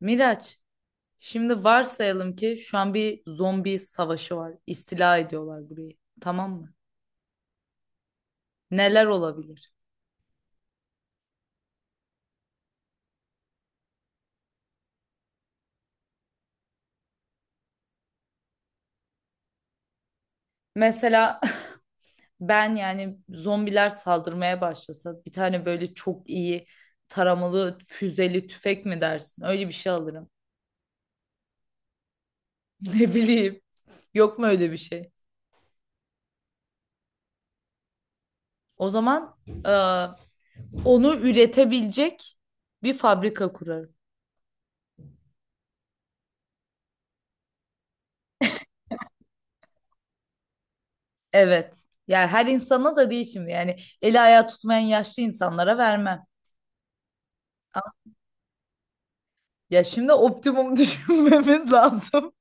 Miraç, şimdi varsayalım ki şu an bir zombi savaşı var. İstila ediyorlar burayı. Tamam mı? Neler olabilir? Mesela ben yani zombiler saldırmaya başlasa bir tane böyle çok iyi taramalı füzeli tüfek mi dersin? Öyle bir şey alırım. Ne bileyim. Yok mu öyle bir şey? O zaman e, onu üretebilecek bir fabrika kurarım. Evet. Yani her insana da değil şimdi. Yani eli ayağı tutmayan yaşlı insanlara vermem. Ya şimdi optimum düşünmemiz lazım.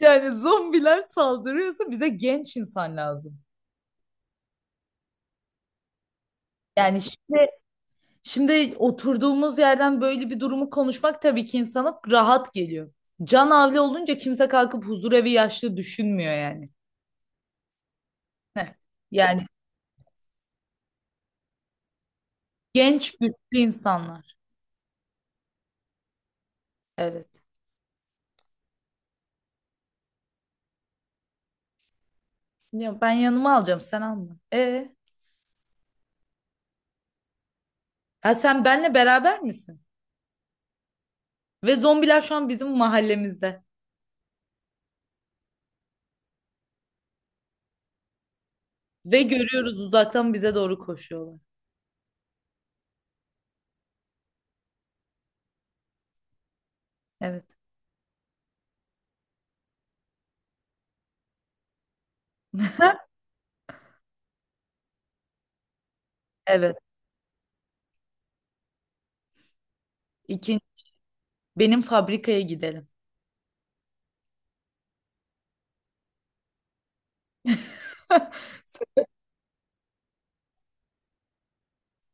Yani zombiler saldırıyorsa bize genç insan lazım. Yani şimdi oturduğumuz yerden böyle bir durumu konuşmak tabii ki insana rahat geliyor. Can havli olunca kimse kalkıp huzurevi yaşlı düşünmüyor yani. Heh. Yani genç güçlü insanlar. Evet. Ya ben yanıma alacağım sen alma. Ha sen benle beraber misin? Ve zombiler şu an bizim mahallemizde. Ve görüyoruz uzaktan bize doğru koşuyorlar. Evet. Evet. İkinci, benim fabrikaya gidelim.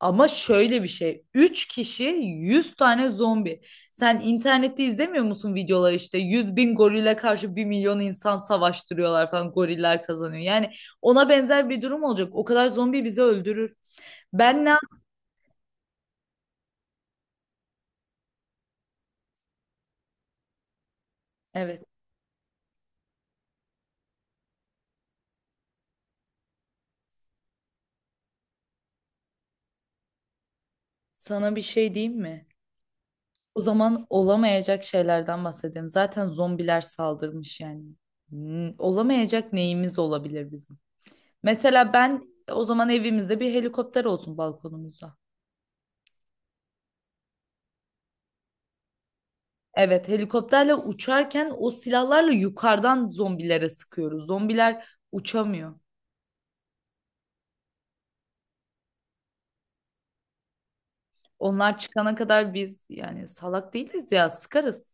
Ama şöyle bir şey. 3 kişi 100 tane zombi. Sen internette izlemiyor musun videoları işte 100.000 gorile karşı 1.000.000 insan savaştırıyorlar falan goriller kazanıyor. Yani ona benzer bir durum olacak. O kadar zombi bizi öldürür. Ben ne yap- Evet. Sana bir şey diyeyim mi? O zaman olamayacak şeylerden bahsedeyim. Zaten zombiler saldırmış yani. Olamayacak neyimiz olabilir bizim? Mesela ben o zaman evimizde bir helikopter olsun balkonumuzda. Evet, helikopterle uçarken o silahlarla yukarıdan zombilere sıkıyoruz. Zombiler uçamıyor. Onlar çıkana kadar biz yani salak değiliz ya sıkarız.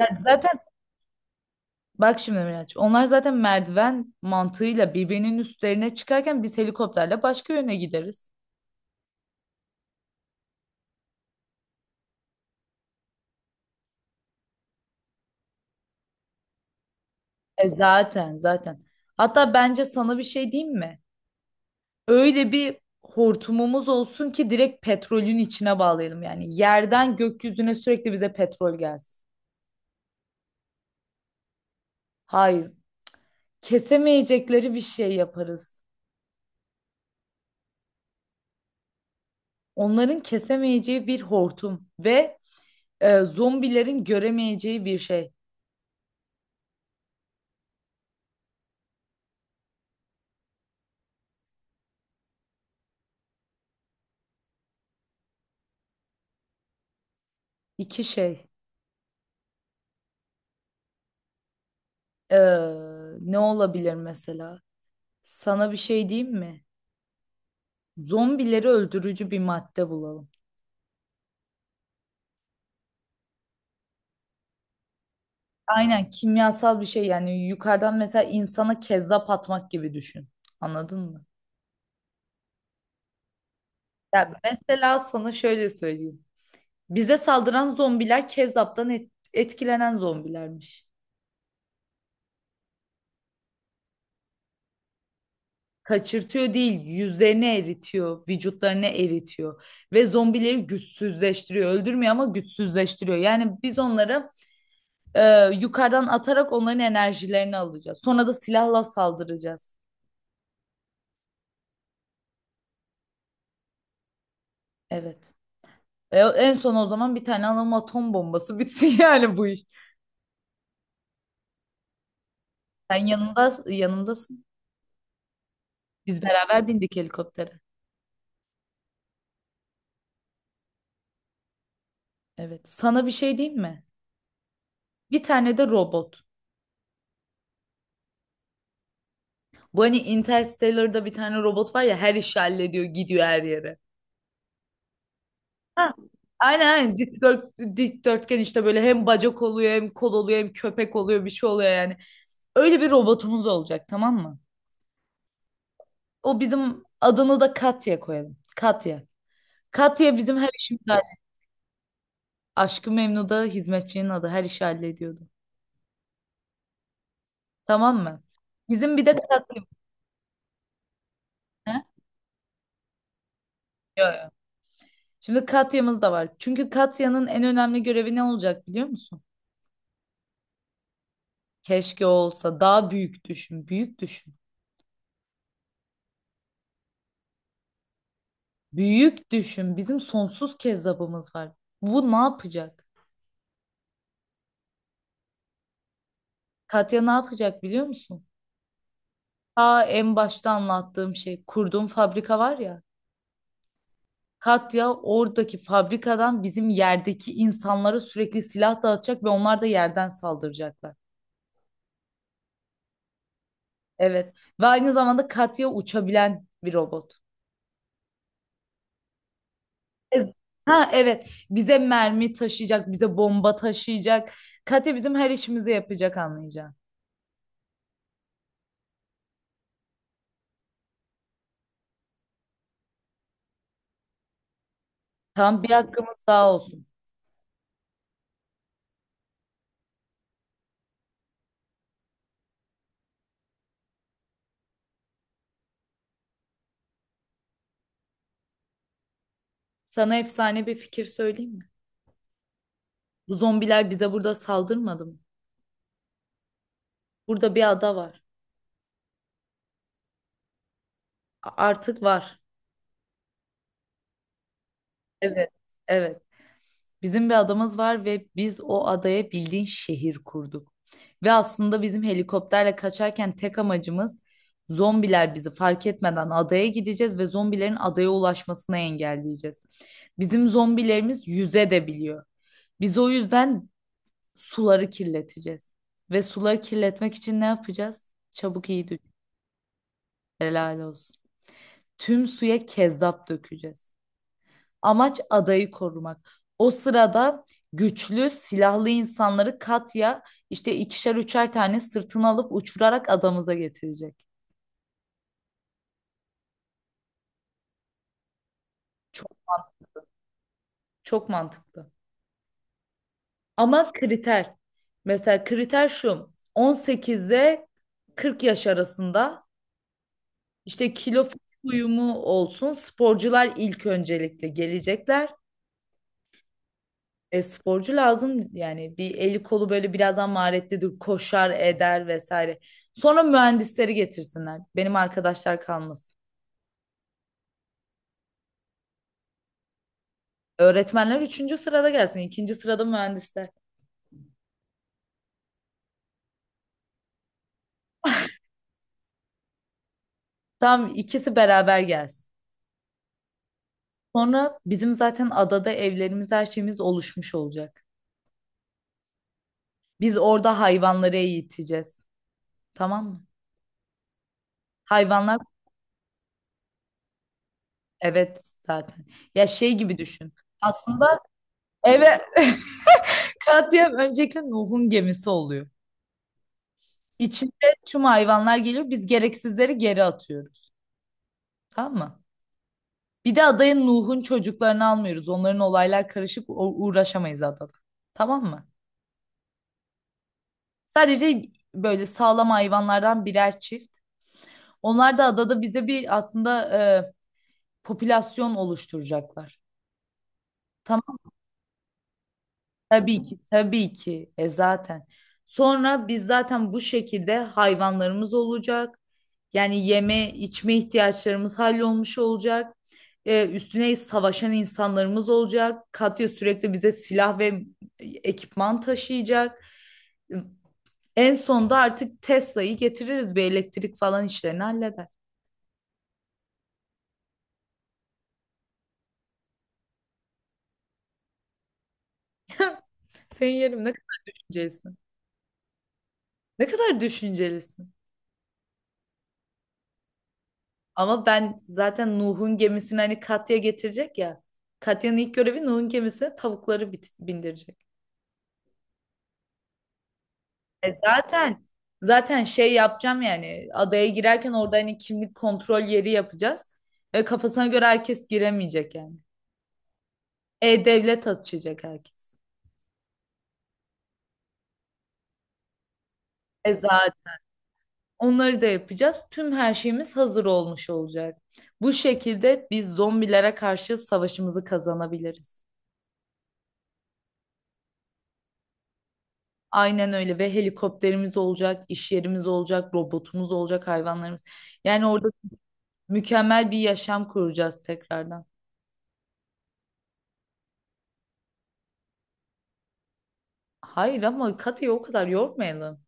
Yani zaten bak şimdi Miraç, onlar zaten merdiven mantığıyla birbirinin üstlerine çıkarken biz helikopterle başka yöne gideriz. E zaten. Hatta bence sana bir şey diyeyim mi? Öyle bir hortumumuz olsun ki direkt petrolün içine bağlayalım. Yani yerden gökyüzüne sürekli bize petrol gelsin. Hayır, kesemeyecekleri bir şey yaparız. Onların kesemeyeceği bir hortum ve zombilerin göremeyeceği bir şey. İki şey. E, ne olabilir mesela? Sana bir şey diyeyim mi? Zombileri öldürücü bir madde bulalım. Aynen kimyasal bir şey yani yukarıdan mesela insana kezzap atmak gibi düşün. Anladın mı? Ya mesela sana şöyle söyleyeyim. Bize saldıran zombiler Kezzap'tan etkilenen zombilermiş. Kaçırtıyor değil, yüzlerini eritiyor, vücutlarını eritiyor ve zombileri güçsüzleştiriyor. Öldürmüyor ama güçsüzleştiriyor. Yani biz onları yukarıdan atarak onların enerjilerini alacağız. Sonra da silahla saldıracağız. Evet. En son o zaman bir tane alalım atom bombası bitsin yani bu iş. Sen yanımda, yanımdasın. Biz beraber bindik helikoptere. Evet. Sana bir şey diyeyim mi? Bir tane de robot. Bu hani Interstellar'da bir tane robot var ya her işi hallediyor gidiyor her yere. Ha, aynen aynen dikdörtgen işte böyle hem bacak oluyor hem kol oluyor hem köpek oluyor bir şey oluyor yani. Öyle bir robotumuz olacak tamam mı? O bizim adını da Katya koyalım. Katya. Katya bizim her işimizi hallediyor. Aşkı Memnu'da hizmetçinin adı her işi hallediyordu. Tamam mı? Bizim bir de Katya. He? Yo, yo. Şimdi Katya'mız da var. Çünkü Katya'nın en önemli görevi ne olacak biliyor musun? Keşke olsa daha büyük düşün, büyük düşün. Büyük düşün. Bizim sonsuz kezzabımız var. Bu ne yapacak? Katya ne yapacak biliyor musun? Ta en başta anlattığım şey kurduğum fabrika var ya. Katya oradaki fabrikadan bizim yerdeki insanlara sürekli silah dağıtacak ve onlar da yerden saldıracaklar. Evet. Ve aynı zamanda Katya uçabilen bir robot. Ez- Ha evet. Bize mermi taşıyacak, bize bomba taşıyacak. Katya bizim her işimizi yapacak anlayacağın. Tam bir hakkımız sağ olsun. Sana efsane bir fikir söyleyeyim mi? Bu zombiler bize burada saldırmadı mı? Burada bir ada var. Artık var. Evet, evet. Bizim bir adamız var ve biz o adaya bildiğin şehir kurduk. Ve aslında bizim helikopterle kaçarken tek amacımız zombiler bizi fark etmeden adaya gideceğiz ve zombilerin adaya ulaşmasını engelleyeceğiz. Bizim zombilerimiz yüze de biliyor. Biz o yüzden suları kirleteceğiz. Ve suları kirletmek için ne yapacağız? Çabuk iyi düşün. Helal olsun. Tüm suya kezzap dökeceğiz. Amaç adayı korumak. O sırada güçlü silahlı insanları Katya işte ikişer üçer tane sırtına alıp uçurarak adamıza getirecek. Çok, çok mantıklı. Ama kriter. Mesela kriter şu. 18'de 40 yaş arasında İşte kilo uyumu olsun. Sporcular ilk öncelikle gelecekler. Sporcu lazım yani bir eli kolu böyle birazdan maharetlidir, koşar eder vesaire. Sonra mühendisleri getirsinler. Benim arkadaşlar kalmasın. Öğretmenler üçüncü sırada gelsin. İkinci sırada mühendisler. Tam ikisi beraber gelsin. Sonra bizim zaten adada evlerimiz her şeyimiz oluşmuş olacak. Biz orada hayvanları eğiteceğiz. Tamam mı? Hayvanlar evet zaten. Ya şey gibi düşün. Aslında eve Katya öncelikle Nuh'un gemisi oluyor. İçinde tüm hayvanlar geliyor. Biz gereksizleri geri atıyoruz. Tamam mı? Bir de adaya Nuh'un çocuklarını almıyoruz. Onların olaylar karışık uğraşamayız adada. Tamam mı? Sadece böyle sağlam hayvanlardan birer çift. Onlar da adada bize bir aslında e, popülasyon oluşturacaklar. Tamam. Tabii ki, tabii ki. E zaten. Sonra biz zaten bu şekilde hayvanlarımız olacak. Yani yeme, içme ihtiyaçlarımız hallolmuş olacak. Üstüne savaşan insanlarımız olacak. Katya sürekli bize silah ve ekipman taşıyacak. En sonunda artık Tesla'yı getiririz. Bir elektrik falan işlerini halleder. Senin yerim ne kadar düşüncelisin. Ne kadar düşüncelisin. Ama ben zaten Nuh'un gemisini hani Katya getirecek ya. Katya'nın ilk görevi Nuh'un gemisine tavukları bindirecek. E zaten şey yapacağım yani adaya girerken orada hani kimlik kontrol yeri yapacağız. E kafasına göre herkes giremeyecek yani. E-devlet açacak herkes. E zaten onları da yapacağız. Tüm her şeyimiz hazır olmuş olacak. Bu şekilde biz zombilere karşı savaşımızı kazanabiliriz. Aynen öyle ve helikopterimiz olacak, iş yerimiz olacak, robotumuz olacak, hayvanlarımız. Yani orada mükemmel bir yaşam kuracağız tekrardan. Hayır ama Katya'yı o kadar yormayalım.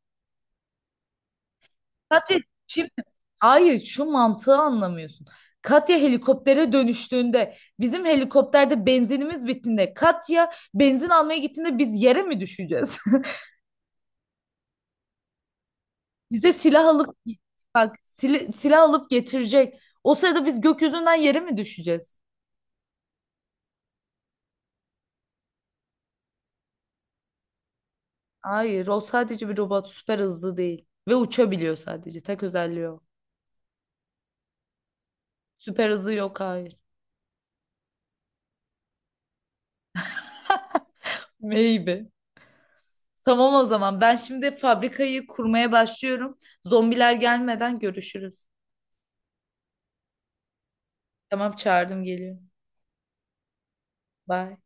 Katya şimdi hayır şu mantığı anlamıyorsun. Katya helikoptere dönüştüğünde bizim helikopterde benzinimiz bittiğinde Katya benzin almaya gittiğinde biz yere mi düşeceğiz? Bize silah alıp bak silah alıp getirecek. O sırada biz gökyüzünden yere mi düşeceğiz? Hayır, o sadece bir robot. Süper hızlı değil. Ve uçabiliyor sadece. Tek özelliği o. Süper hızı yok, hayır. Maybe. Tamam o zaman. Ben şimdi fabrikayı kurmaya başlıyorum. Zombiler gelmeden görüşürüz. Tamam, çağırdım geliyor. Bye.